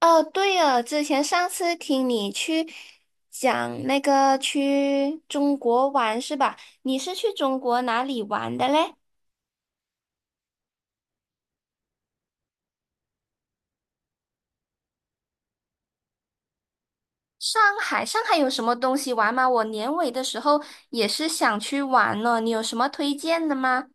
哦，对了，之前上次听你去讲那个去中国玩是吧？你是去中国哪里玩的嘞？上海，上海有什么东西玩吗？我年尾的时候也是想去玩呢，你有什么推荐的吗？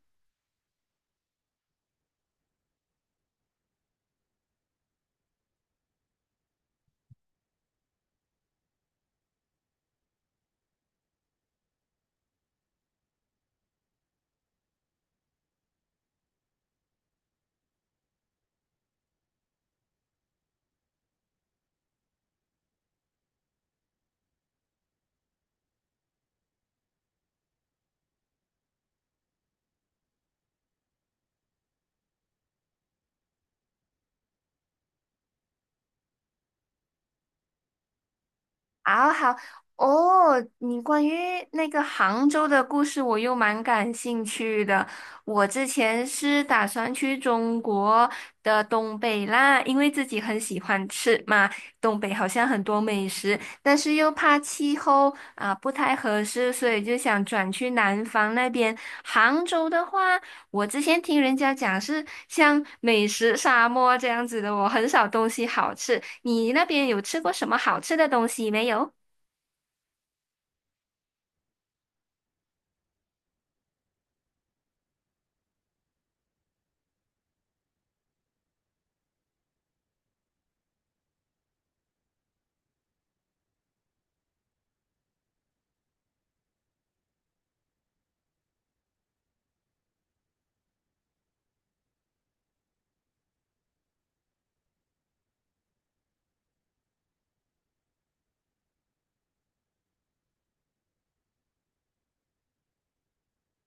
好好哦，你关于那个杭州的故事，我又蛮感兴趣的。我之前是打算去中国的东北啦，因为自己很喜欢吃嘛，东北好像很多美食，但是又怕气候啊，不太合适，所以就想转去南方那边。杭州的话，我之前听人家讲是像美食沙漠这样子的，我很少东西好吃。你那边有吃过什么好吃的东西没有？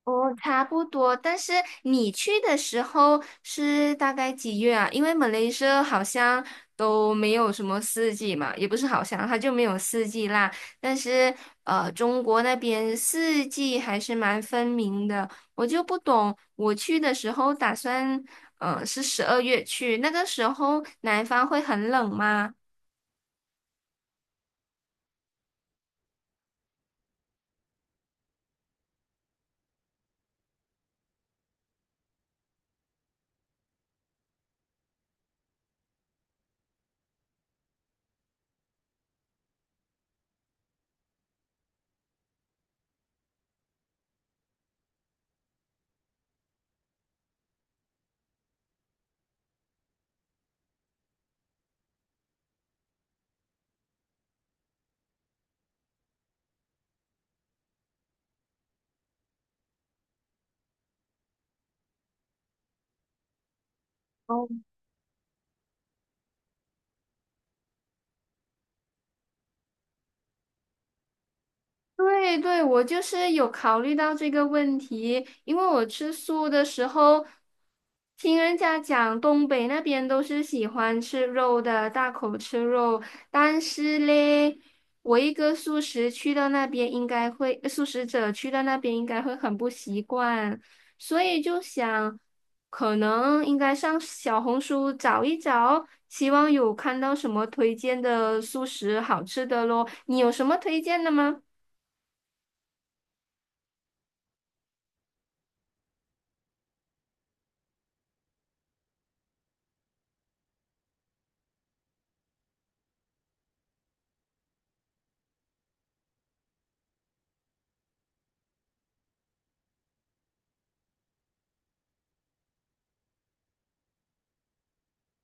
哦，差不多。但是你去的时候是大概几月啊？因为马来西亚好像都没有什么四季嘛，也不是好像，它就没有四季啦。但是中国那边四季还是蛮分明的。我就不懂，我去的时候打算，是12月去，那个时候南方会很冷吗？哦。对对，我就是有考虑到这个问题，因为我吃素的时候，听人家讲东北那边都是喜欢吃肉的，大口吃肉，但是嘞，我一个素食去到那边应该会，呃素食者去到那边应该会很不习惯，所以就想，可能应该上小红书找一找，希望有看到什么推荐的素食好吃的咯，你有什么推荐的吗？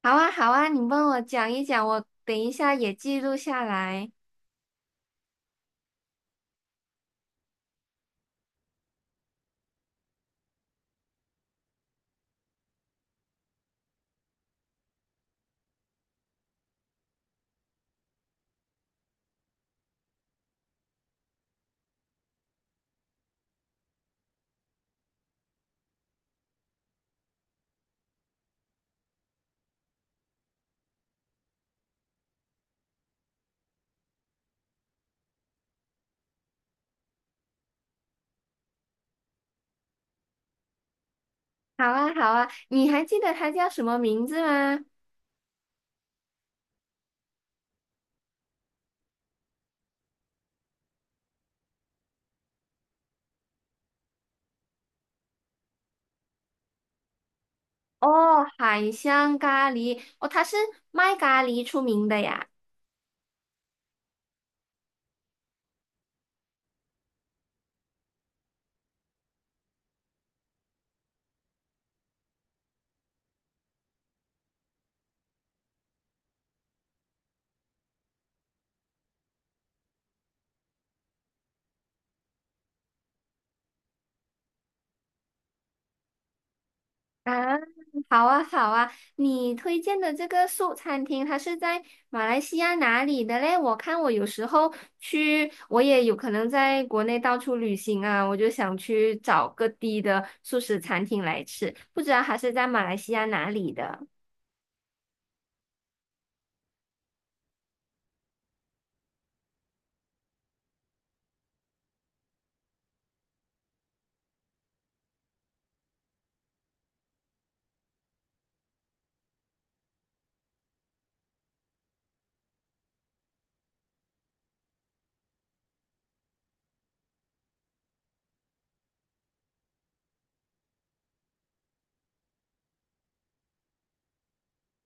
好啊，好啊，你帮我讲一讲，我等一下也记录下来。好啊，好啊，你还记得它叫什么名字吗？哦，海香咖喱，哦，它是卖咖喱出名的呀。啊，好啊，好啊，你推荐的这个素餐厅，它是在马来西亚哪里的嘞？我看我有时候去，我也有可能在国内到处旅行啊，我就想去找各地的素食餐厅来吃，不知道它是在马来西亚哪里的。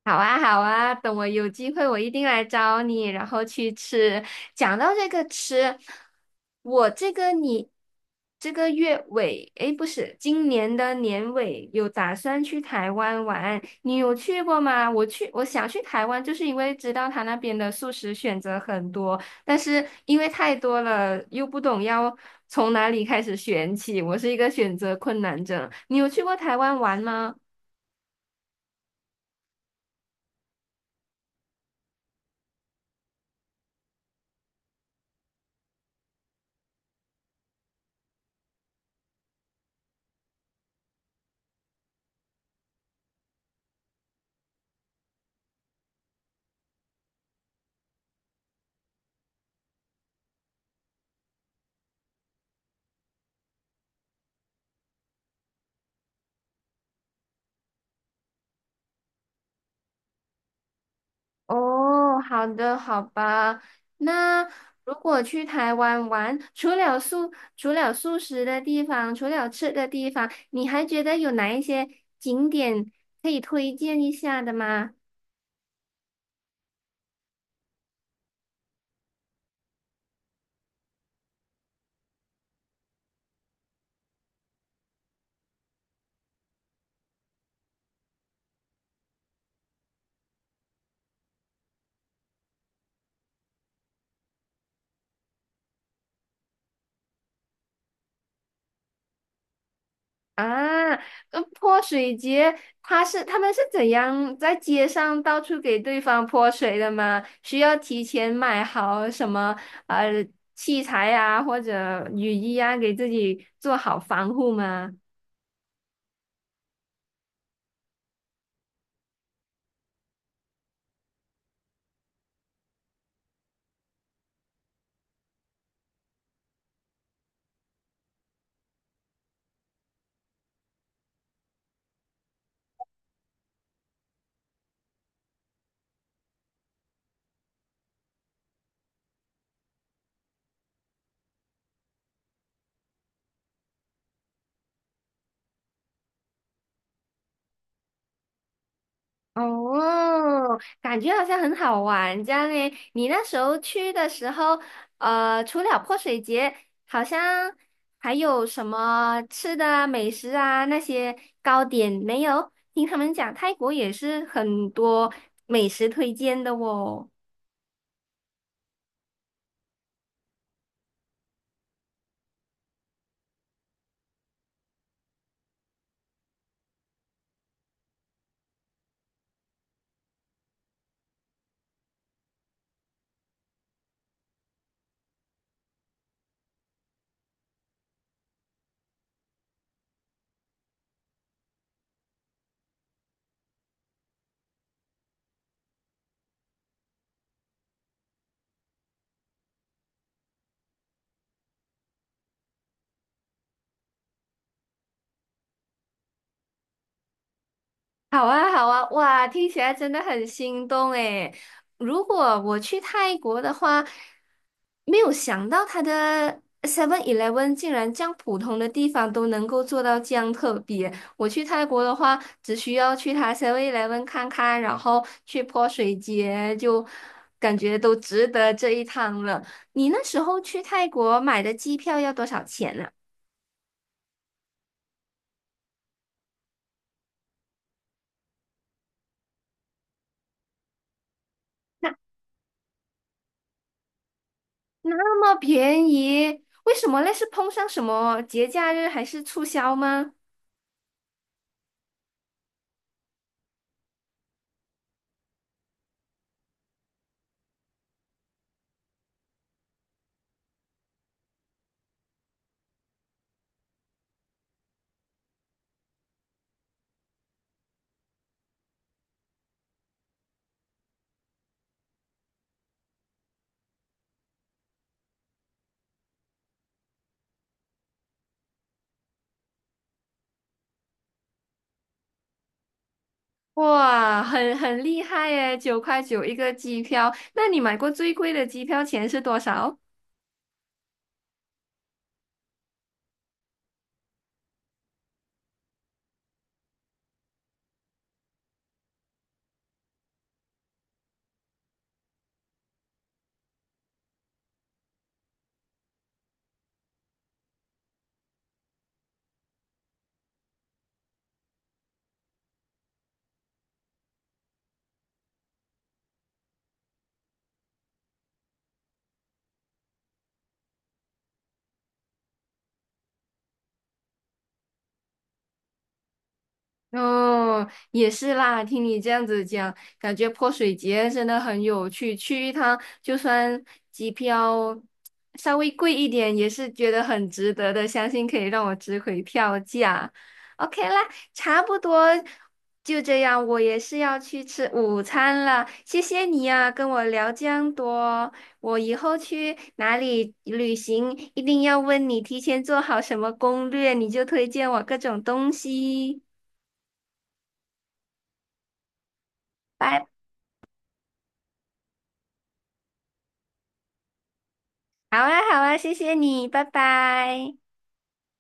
好啊，好啊，等我有机会，我一定来找你，然后去吃。讲到这个吃，我这个你这个月尾，诶，不是，今年的年尾有打算去台湾玩，你有去过吗？我想去台湾，就是因为知道他那边的素食选择很多，但是因为太多了，又不懂要从哪里开始选起，我是一个选择困难症。你有去过台湾玩吗？哦，好的，好吧。那如果去台湾玩，除了素食的地方，除了吃的地方，你还觉得有哪一些景点可以推荐一下的吗？啊，泼水节，他们是怎样在街上到处给对方泼水的吗？需要提前买好什么呃器材啊，或者雨衣啊，给自己做好防护吗？哦，感觉好像很好玩这样诶。你那时候去的时候，除了泼水节，好像还有什么吃的啊、美食啊那些糕点没有？听他们讲，泰国也是很多美食推荐的哦。好啊，好啊，哇，听起来真的很心动诶。如果我去泰国的话，没有想到它的 Seven Eleven 竟然这样普通的地方都能够做到这样特别。我去泰国的话，只需要去它 Seven Eleven 看看，然后去泼水节，就感觉都值得这一趟了。你那时候去泰国买的机票要多少钱呢？那么便宜，为什么嘞？是碰上什么节假日还是促销吗？哇，很厉害耶，9块9一个机票。那你买过最贵的机票钱是多少？哦，也是啦，听你这样子讲，感觉泼水节真的很有趣，去一趟就算机票稍微贵一点，也是觉得很值得的，相信可以让我值回票价。OK 啦，差不多就这样，我也是要去吃午餐了，谢谢你啊，跟我聊这样多，我以后去哪里旅行一定要问你提前做好什么攻略，你就推荐我各种东西。拜。好啊，好啊，谢谢你，拜拜。